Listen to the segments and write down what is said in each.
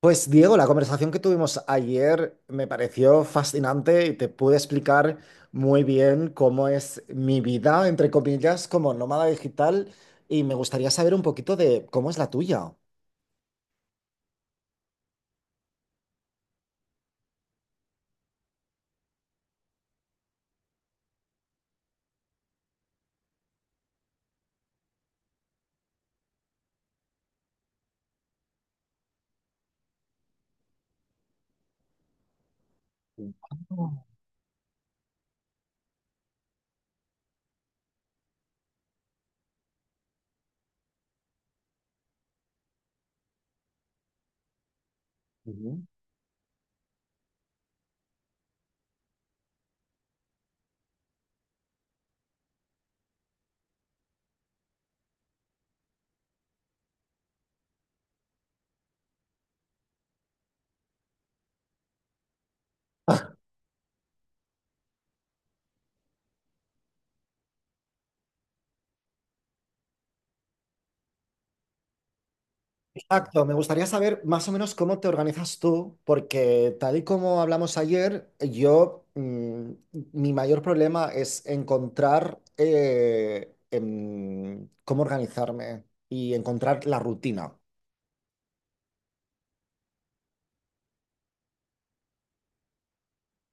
Pues Diego, la conversación que tuvimos ayer me pareció fascinante y te pude explicar muy bien cómo es mi vida, entre comillas, como nómada digital y me gustaría saber un poquito de cómo es la tuya. Ujú. Exacto, me gustaría saber más o menos cómo te organizas tú, porque tal y como hablamos ayer, yo, mi mayor problema es encontrar cómo organizarme y encontrar la rutina.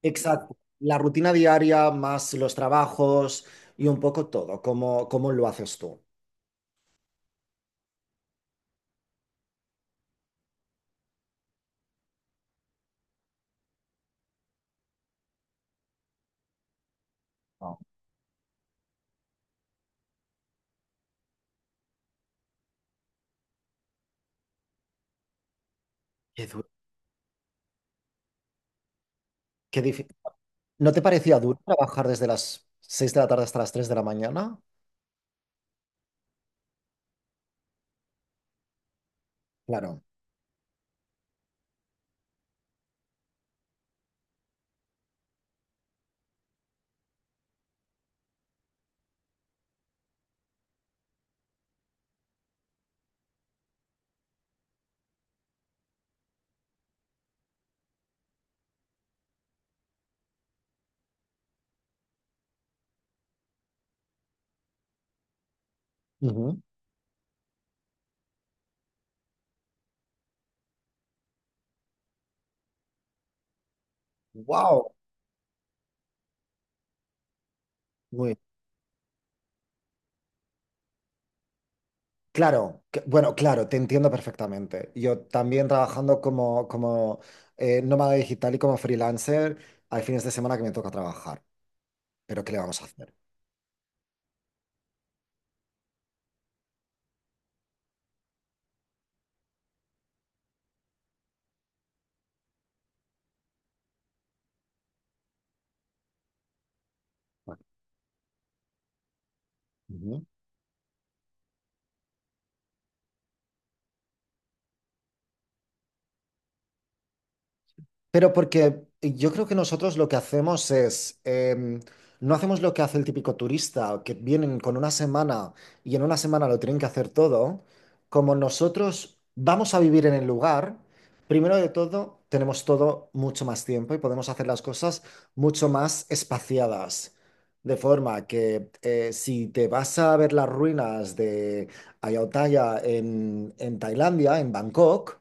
Exacto. La rutina diaria más los trabajos y un poco todo. ¿Cómo, cómo lo haces tú? No. Qué duro. Qué difí- ¿No te parecía duro trabajar desde las 6 de la tarde hasta las 3 de la mañana? Claro. Wow. Muy. Claro, que- bueno, claro, te entiendo perfectamente. Yo también trabajando como, como nómada digital y como freelancer, hay fines de semana que me toca trabajar, pero ¿qué le vamos a hacer? Ujú. Pero porque yo creo que nosotros lo que hacemos es, no hacemos lo que hace el típico turista, que vienen con una semana y en una semana lo tienen que hacer todo. Como nosotros vamos a vivir en el lugar, primero de todo, tenemos todo mucho más tiempo y podemos hacer las cosas mucho más espaciadas. De forma que si te vas a ver las ruinas de Ayutthaya en Tailandia, en Bangkok,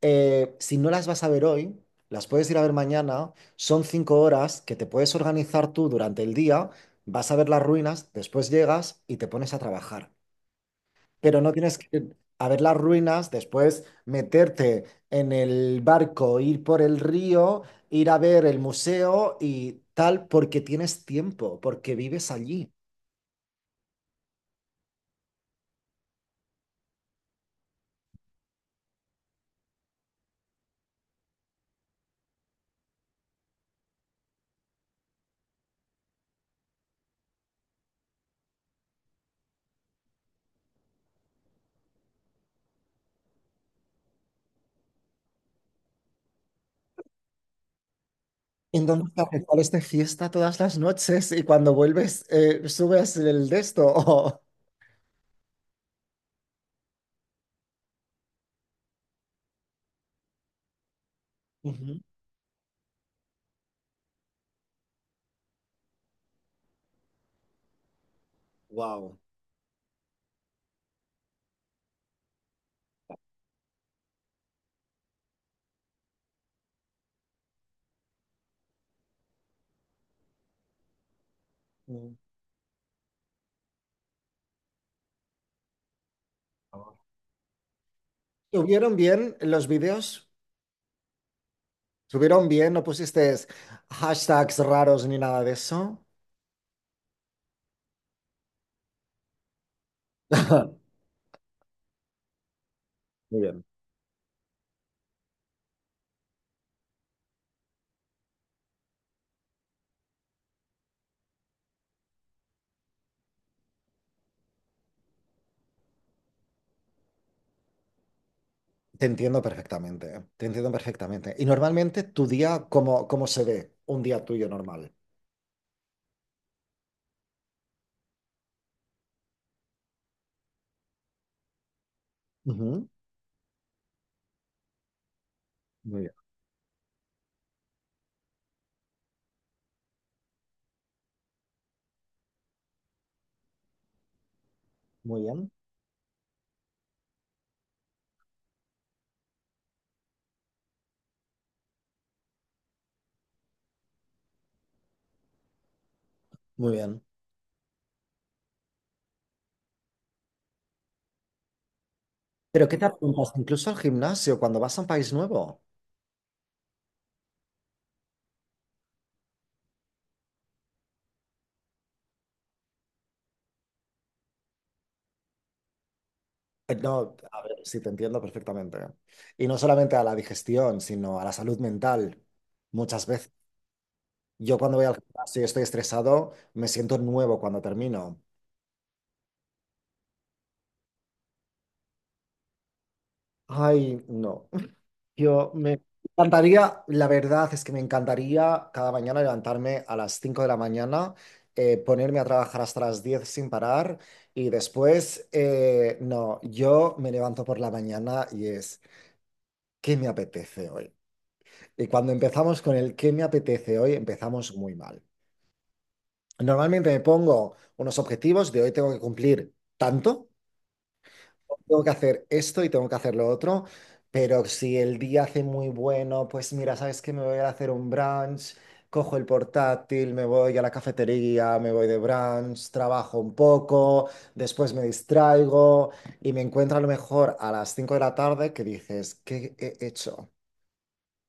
si no las vas a ver hoy, las puedes ir a ver mañana. Son 5 horas que te puedes organizar tú durante el día. Vas a ver las ruinas, después llegas y te pones a trabajar. Pero no tienes que ir a ver las ruinas, después meterte en el barco, ir por el río, ir a ver el museo y tal, porque tienes tiempo, porque vives allí. Entonces, te sales de fiesta todas las noches y cuando vuelves, subes el de esto. Wow. ¿Subieron bien los vídeos? ¿Subieron bien? ¿No pusiste hashtags raros ni nada de eso? Muy bien. Te entiendo perfectamente, te entiendo perfectamente. Y normalmente tu día, ¿cómo, cómo se ve un día tuyo normal? Ujú. Muy bien, muy bien, muy bien. ¿Pero qué te apuntas? Incluso al gimnasio, cuando vas a un país nuevo. No, a ver, sí, te entiendo perfectamente. Y no solamente a la digestión, sino a la salud mental, muchas veces. Yo cuando voy al gimnasio y estoy estresado, me siento nuevo cuando termino. Ay, no. Yo me encantaría, la verdad es que me encantaría cada mañana levantarme a las 5 de la mañana, ponerme a trabajar hasta las 10 sin parar y después, no, yo me levanto por la mañana y es, ¿qué me apetece hoy? Y cuando empezamos con el ¿qué me apetece hoy? Empezamos muy mal. Normalmente me pongo unos objetivos de hoy tengo que cumplir tanto. Tengo que hacer esto y tengo que hacer lo otro, pero si el día hace muy bueno, pues mira, ¿sabes qué? Me voy a hacer un brunch, cojo el portátil, me voy a la cafetería, me voy de brunch, trabajo un poco, después me distraigo y me encuentro a lo mejor a las 5 de la tarde que dices, ¿qué he hecho?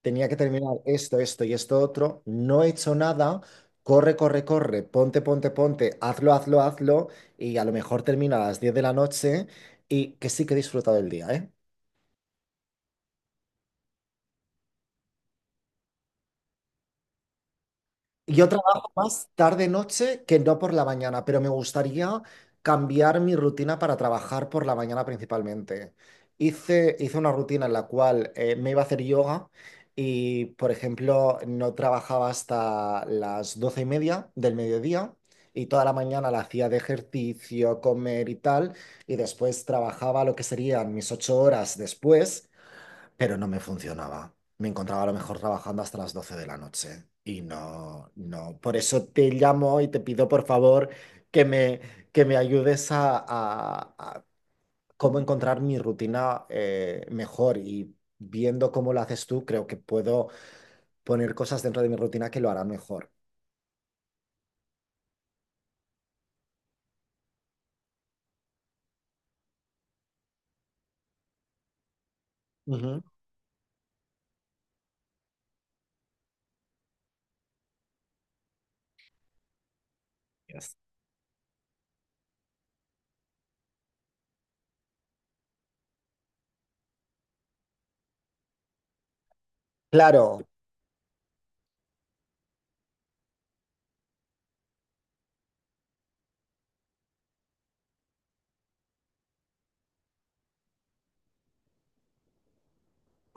Tenía que terminar esto, esto y esto otro, no he hecho nada, corre, corre, corre, ponte, ponte, ponte, hazlo, hazlo, hazlo, y a lo mejor termino a las 10 de la noche y que sí que he disfrutado el día, ¿eh? Yo trabajo más tarde-noche que no por la mañana, pero me gustaría cambiar mi rutina para trabajar por la mañana principalmente. Hice una rutina en la cual me iba a hacer yoga y, por ejemplo, no trabajaba hasta las 12 y media del mediodía y toda la mañana la hacía de ejercicio, comer y tal, y después trabajaba lo que serían mis 8 horas después, pero no me funcionaba. Me encontraba a lo mejor trabajando hasta las 12 de la noche y no, no. Por eso te llamo y te pido por favor que me, que me ayudes a, a cómo encontrar mi rutina mejor y viendo cómo lo haces tú, creo que puedo poner cosas dentro de mi rutina que lo harán mejor. Ujú. Yes. Claro,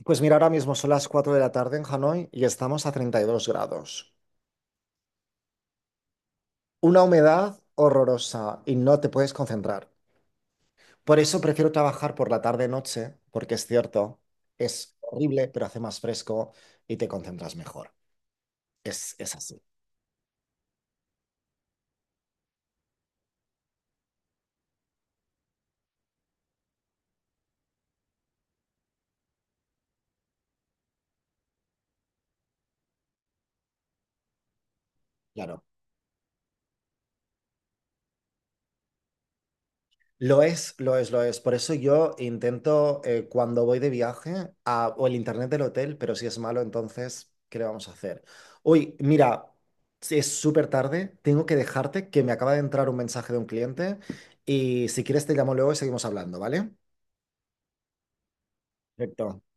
pues mira, ahora mismo son las 4 de la tarde en Hanoi y estamos a 32 grados. Una humedad horrorosa y no te puedes concentrar. Por eso prefiero trabajar por la tarde-noche, porque es cierto, es horrible, pero hace más fresco y te concentras mejor. Es así, claro. Lo es, lo es, lo es. Por eso yo intento, cuando voy de viaje, a- o el internet del hotel, pero si es malo, entonces, ¿qué le vamos a hacer? Uy, mira, si es súper tarde, tengo que dejarte que me acaba de entrar un mensaje de un cliente y si quieres te llamo luego y seguimos hablando, ¿vale? Perfecto.